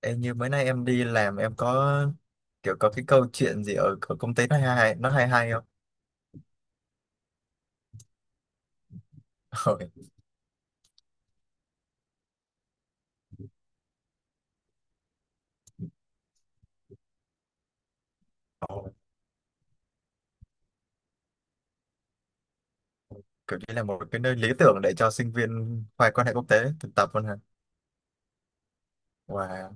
Em như mấy nay em đi làm em có kiểu có cái câu chuyện gì ở công ty nó hay hay không? Rồi. Ồ, kiểu như là một cái nơi lý tưởng để cho sinh viên khoa quan hệ quốc tế thực tập luôn hả? Và wow.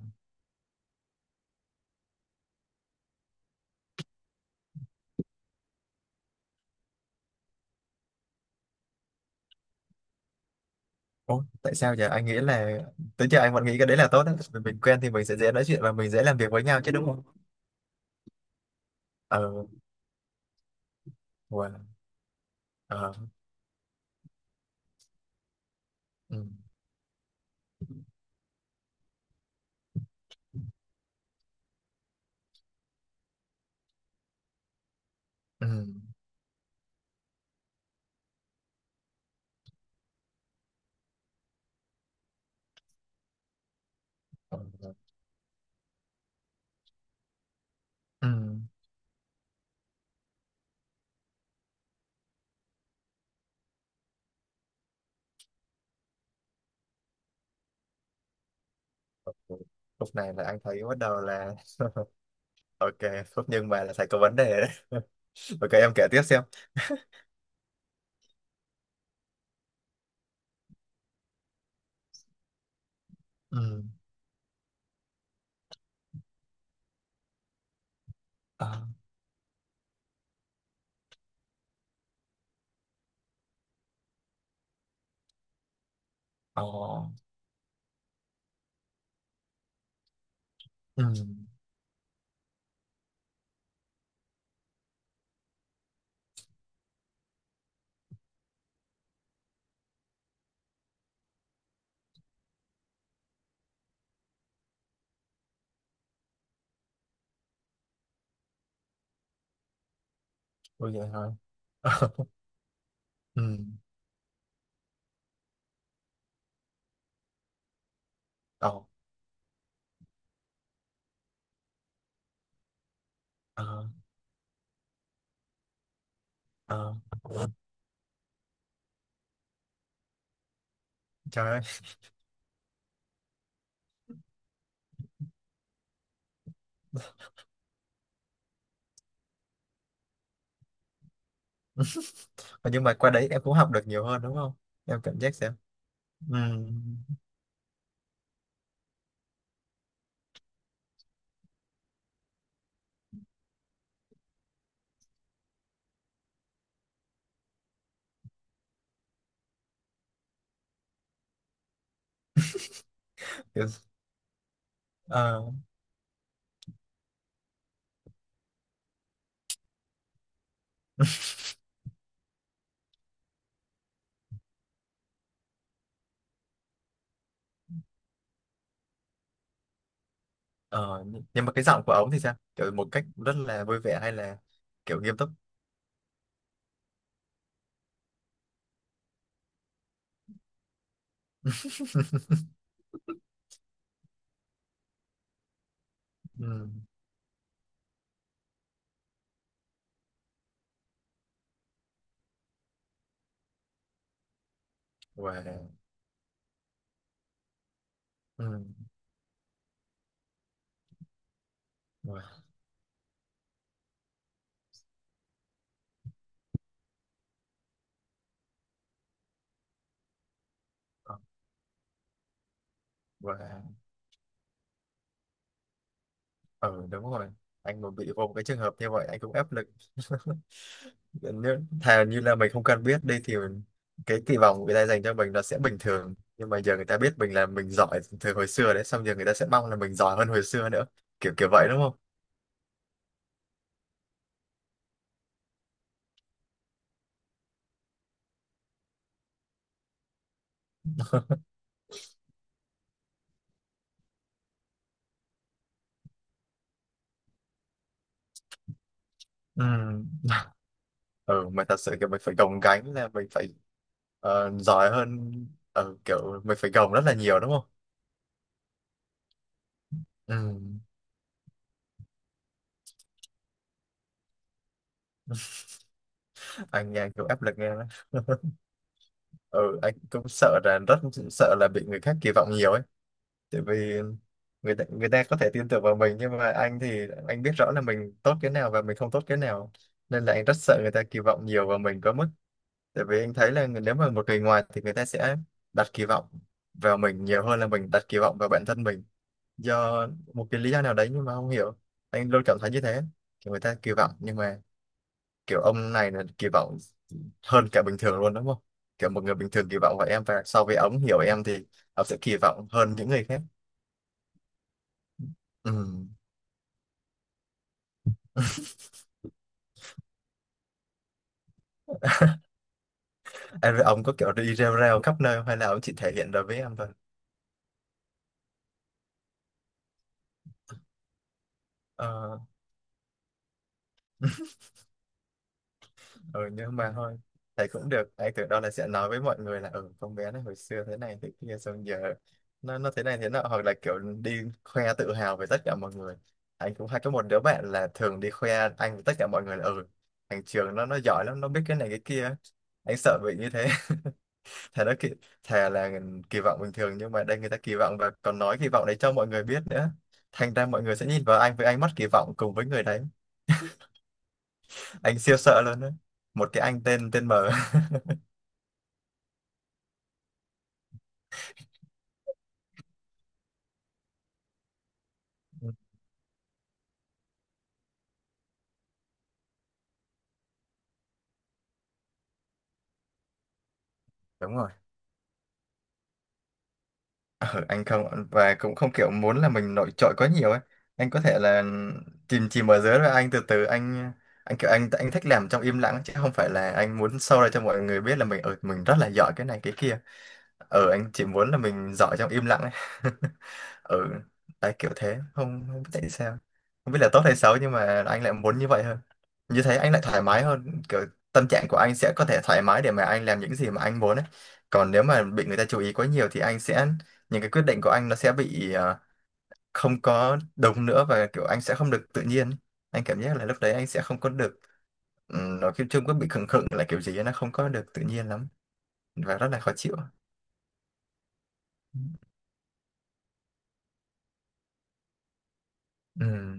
Ủa, tại sao giờ anh nghĩ là, tới giờ anh vẫn nghĩ cái đấy là tốt đấy. Vì mình quen thì mình sẽ dễ nói chuyện và mình dễ làm việc với nhau chứ, đúng không? Ờ. Wow. Ờ. Ừ. Ừ. Ừ. Ừ. Lúc này là anh thấy bắt đầu là... Ok Phúc, nhưng mà là phải có vấn đề đấy. Ok, em kể tiếp xem. Ừ. Ờ. Ờ. Ừ. Ôi vậy thôi. Ừ. Ờ. Ờ. Ờ. Trời ơi. Mà nhưng mà qua đấy em cũng học được nhiều hơn đúng không, em cảm giác sao? Ừ. Kiểu, ờ. Ờ. Nhưng mà cái giọng của ổng thì sao, kiểu một cách rất là vui vẻ hay là kiểu nghiêm túc? Ừ. Wow. Ừ. Wow. Ờ. Wow. Ừ, đúng rồi, anh mà bị gồm cái trường hợp như vậy anh cũng áp lực. Nếu thà như là mình không cần biết đi thì cái kỳ vọng người ta dành cho mình nó sẽ bình thường, nhưng mà giờ người ta biết mình là mình giỏi từ hồi xưa đấy, xong giờ người ta sẽ mong là mình giỏi hơn hồi xưa nữa. Kiểu kiểu vậy đúng không? Ừ. Ừ, mà thật sự kiểu mình phải gồng gánh là mình phải, ờ, giỏi hơn. Ừ, kiểu mình phải gồng rất là nhiều đúng không? Ừ. Anh nghe kiểu áp lực nghe đó. Ừ, anh cũng sợ là rất sợ là bị người khác kỳ vọng nhiều ấy. Tại vì người ta có thể tin tưởng vào mình, nhưng mà anh thì anh biết rõ là mình tốt cái nào và mình không tốt cái nào. Nên là anh rất sợ người ta kỳ vọng nhiều vào mình quá mức. Tại vì anh thấy là nếu mà một người ngoài thì người ta sẽ đặt kỳ vọng vào mình nhiều hơn là mình đặt kỳ vọng vào bản thân mình, do một cái lý do nào đấy nhưng mà không hiểu, anh luôn cảm thấy như thế. Kiểu người ta kỳ vọng, nhưng mà kiểu ông này là kỳ vọng hơn cả bình thường luôn, đúng không? Kiểu một người bình thường kỳ vọng vào em, và so với ông hiểu em thì ông sẽ kỳ vọng hơn những người khác. Ừ. Em với ông có kiểu đi rêu rêu khắp nơi không, hay là ông chỉ thể hiện ra với em thôi? Ờ. Ừ, nhưng mà thôi, thầy cũng được. Anh tưởng đâu là sẽ nói với mọi người là, ừ, con bé này hồi xưa thế này thế kia, xong giờ nó thế này thế nọ, hoặc là kiểu đi khoe tự hào với tất cả mọi người. Anh cũng hay có một đứa bạn là thường đi khoe anh với tất cả mọi người là, ừ, thằng Trường nó giỏi lắm, nó biết cái này cái kia. Anh sợ bị như thế. thà đó kỳ, Thà là kỳ vọng bình thường, nhưng mà đây người ta kỳ vọng và còn nói kỳ vọng đấy cho mọi người biết nữa, thành ra mọi người sẽ nhìn vào anh với ánh mắt kỳ vọng cùng với người đấy. Anh siêu sợ luôn đấy, một cái anh tên tên M. Ừ, đúng rồi. Ừ, anh không, và cũng không kiểu muốn là mình nổi trội quá nhiều ấy. Anh có thể là chìm chìm ở dưới, rồi anh từ từ anh kiểu anh thích làm trong im lặng, chứ không phải là anh muốn show ra cho mọi người biết là mình rất là giỏi cái này cái kia. Anh chỉ muốn là mình giỏi trong im lặng ấy. Ừ. Tại kiểu thế, không không biết tại sao, không biết là tốt hay xấu, nhưng mà anh lại muốn như vậy hơn. Như thế anh lại thoải mái hơn, kiểu tâm trạng của anh sẽ có thể thoải mái để mà anh làm những gì mà anh muốn ấy. Còn nếu mà bị người ta chú ý quá nhiều thì anh sẽ, những cái quyết định của anh nó sẽ bị, ờ, không có đúng nữa, và kiểu anh sẽ không được tự nhiên ấy. Anh cảm giác là lúc đấy anh sẽ không có được, nó kiểu chung có bị khựng khựng là kiểu gì ấy, nó không có được tự nhiên lắm, và rất là khó chịu. Ừ.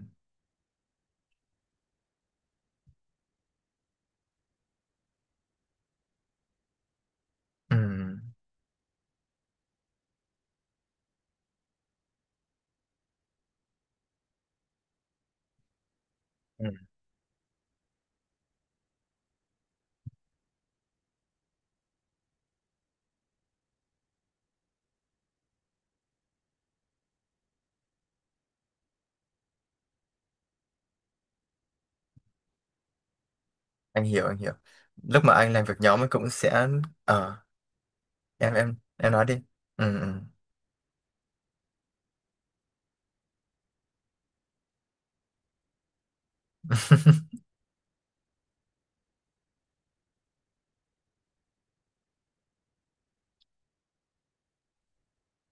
Ừ. Anh hiểu, anh hiểu. Lúc mà anh làm việc nhóm ấy cũng sẽ, ờ... Em nói đi. Ừ, ừ.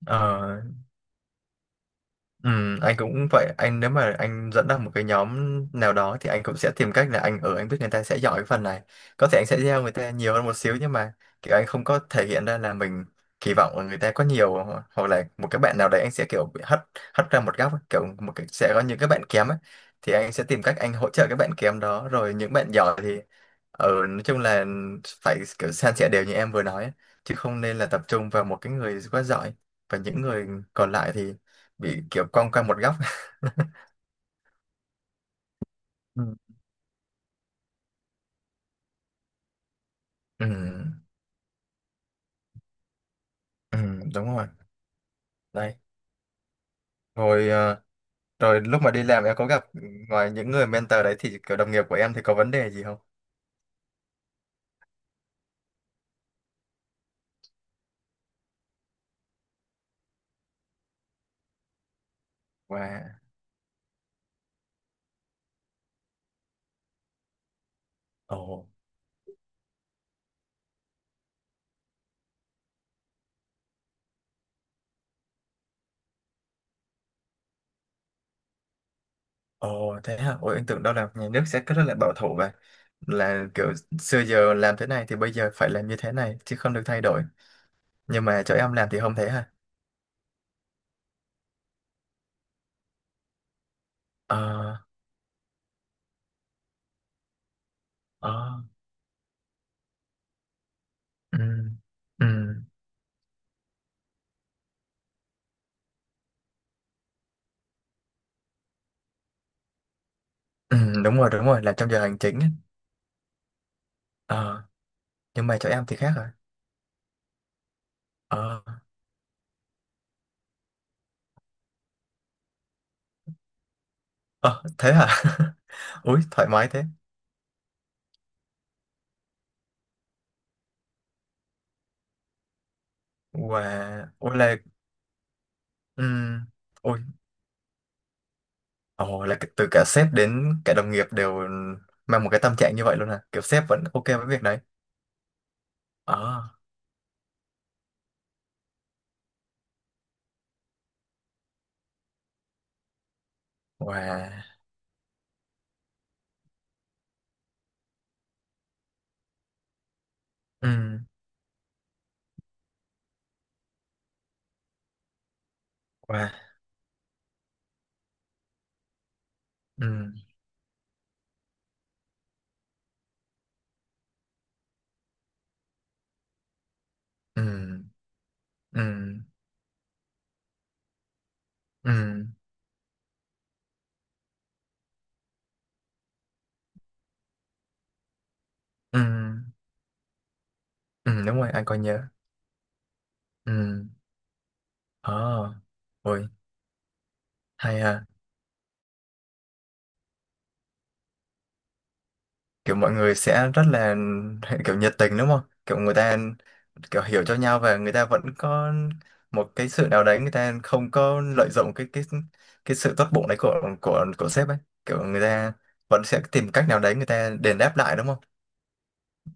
Ờ. Ừ, anh cũng vậy, anh nếu mà anh dẫn ra một cái nhóm nào đó thì anh cũng sẽ tìm cách là anh, anh biết người ta sẽ giỏi cái phần này, có thể anh sẽ gieo người ta nhiều hơn một xíu, nhưng mà kiểu anh không có thể hiện ra là mình kỳ vọng là người ta có nhiều hoặc là một cái bạn nào đấy anh sẽ kiểu bị hất hất ra một góc ấy. Kiểu một cái, sẽ có những cái bạn kém ấy, thì anh sẽ tìm cách anh hỗ trợ các bạn kém đó, rồi những bạn giỏi thì, nói chung là phải kiểu san sẻ đều như em vừa nói ấy, chứ không nên là tập trung vào một cái người quá giỏi và những người còn lại thì bị kiểu cong qua một góc. Ừ. Ừ, ừ, đúng rồi. Đấy. rồi ờ, rồi lúc mà đi làm, em có gặp, ngoài những người mentor đấy thì kiểu đồng nghiệp của em thì có vấn đề gì không? Và... ồ ồ thế hả? Ôi anh tưởng đâu là nhà nước sẽ rất là bảo thủ, và là kiểu xưa giờ làm thế này thì bây giờ phải làm như thế này, chứ không được thay đổi. Nhưng mà chỗ em làm thì không thế hả? Ờ. Ờ. Ừ, ừ, ừ, đúng rồi, đúng rồi, làm trong giờ hành chính ấy. Ờ, nhưng mà chỗ em thì khác rồi. Ờ. Ờ, thế hả? Ui, thoải mái thế. Wow, ôi là. Ừm. Ôi. Ồ, là từ cả sếp đến cả đồng nghiệp đều mang một cái tâm trạng như vậy luôn à? Kiểu sếp vẫn ok với việc đấy. Ờ. Wow. Ừm. Wow. Ừm. Ừm. Ừm. Ừm. Ừm. Ừm, đúng rồi, anh có nhớ. Ừm. Ờ. Ôi, hay ha. Kiểu mọi người sẽ rất là, kiểu nhiệt tình đúng không? Kiểu người ta kiểu hiểu cho nhau, và người ta vẫn có một cái sự nào đấy, người ta không có lợi dụng cái sự tốt bụng đấy của sếp ấy. Kiểu người ta vẫn sẽ tìm cách nào đấy người ta đền đáp lại đúng không?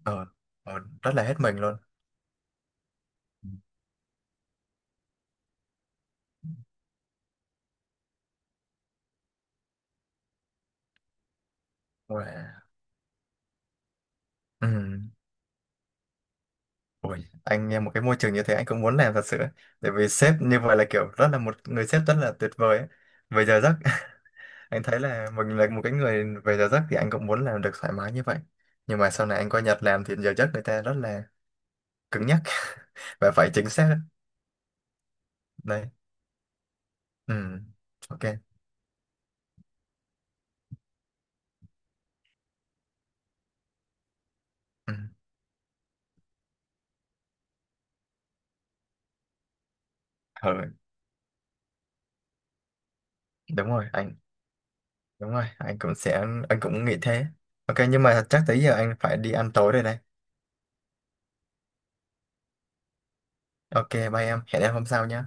Ờ. Ờ, rất là hết mình luôn. Ôi. Ừ. Ôi, anh nghe một cái môi trường như thế anh cũng muốn làm thật sự ấy. Tại vì sếp như vậy là kiểu rất là, một người sếp rất là tuyệt vời ấy. Về giờ giấc, anh thấy là mình là một cái người về giờ giấc thì anh cũng muốn làm được thoải mái như vậy. Nhưng mà sau này anh qua Nhật làm thì giờ giấc người ta rất là cứng nhắc, và phải chính xác. Đây. Ừ. Ok. Ừ. Ừ, đúng rồi anh, đúng rồi anh, cũng sẽ anh cũng nghĩ thế. Ok, nhưng mà chắc tới giờ anh phải đi ăn tối rồi đây. Ok, bye em, hẹn em hôm sau nhé.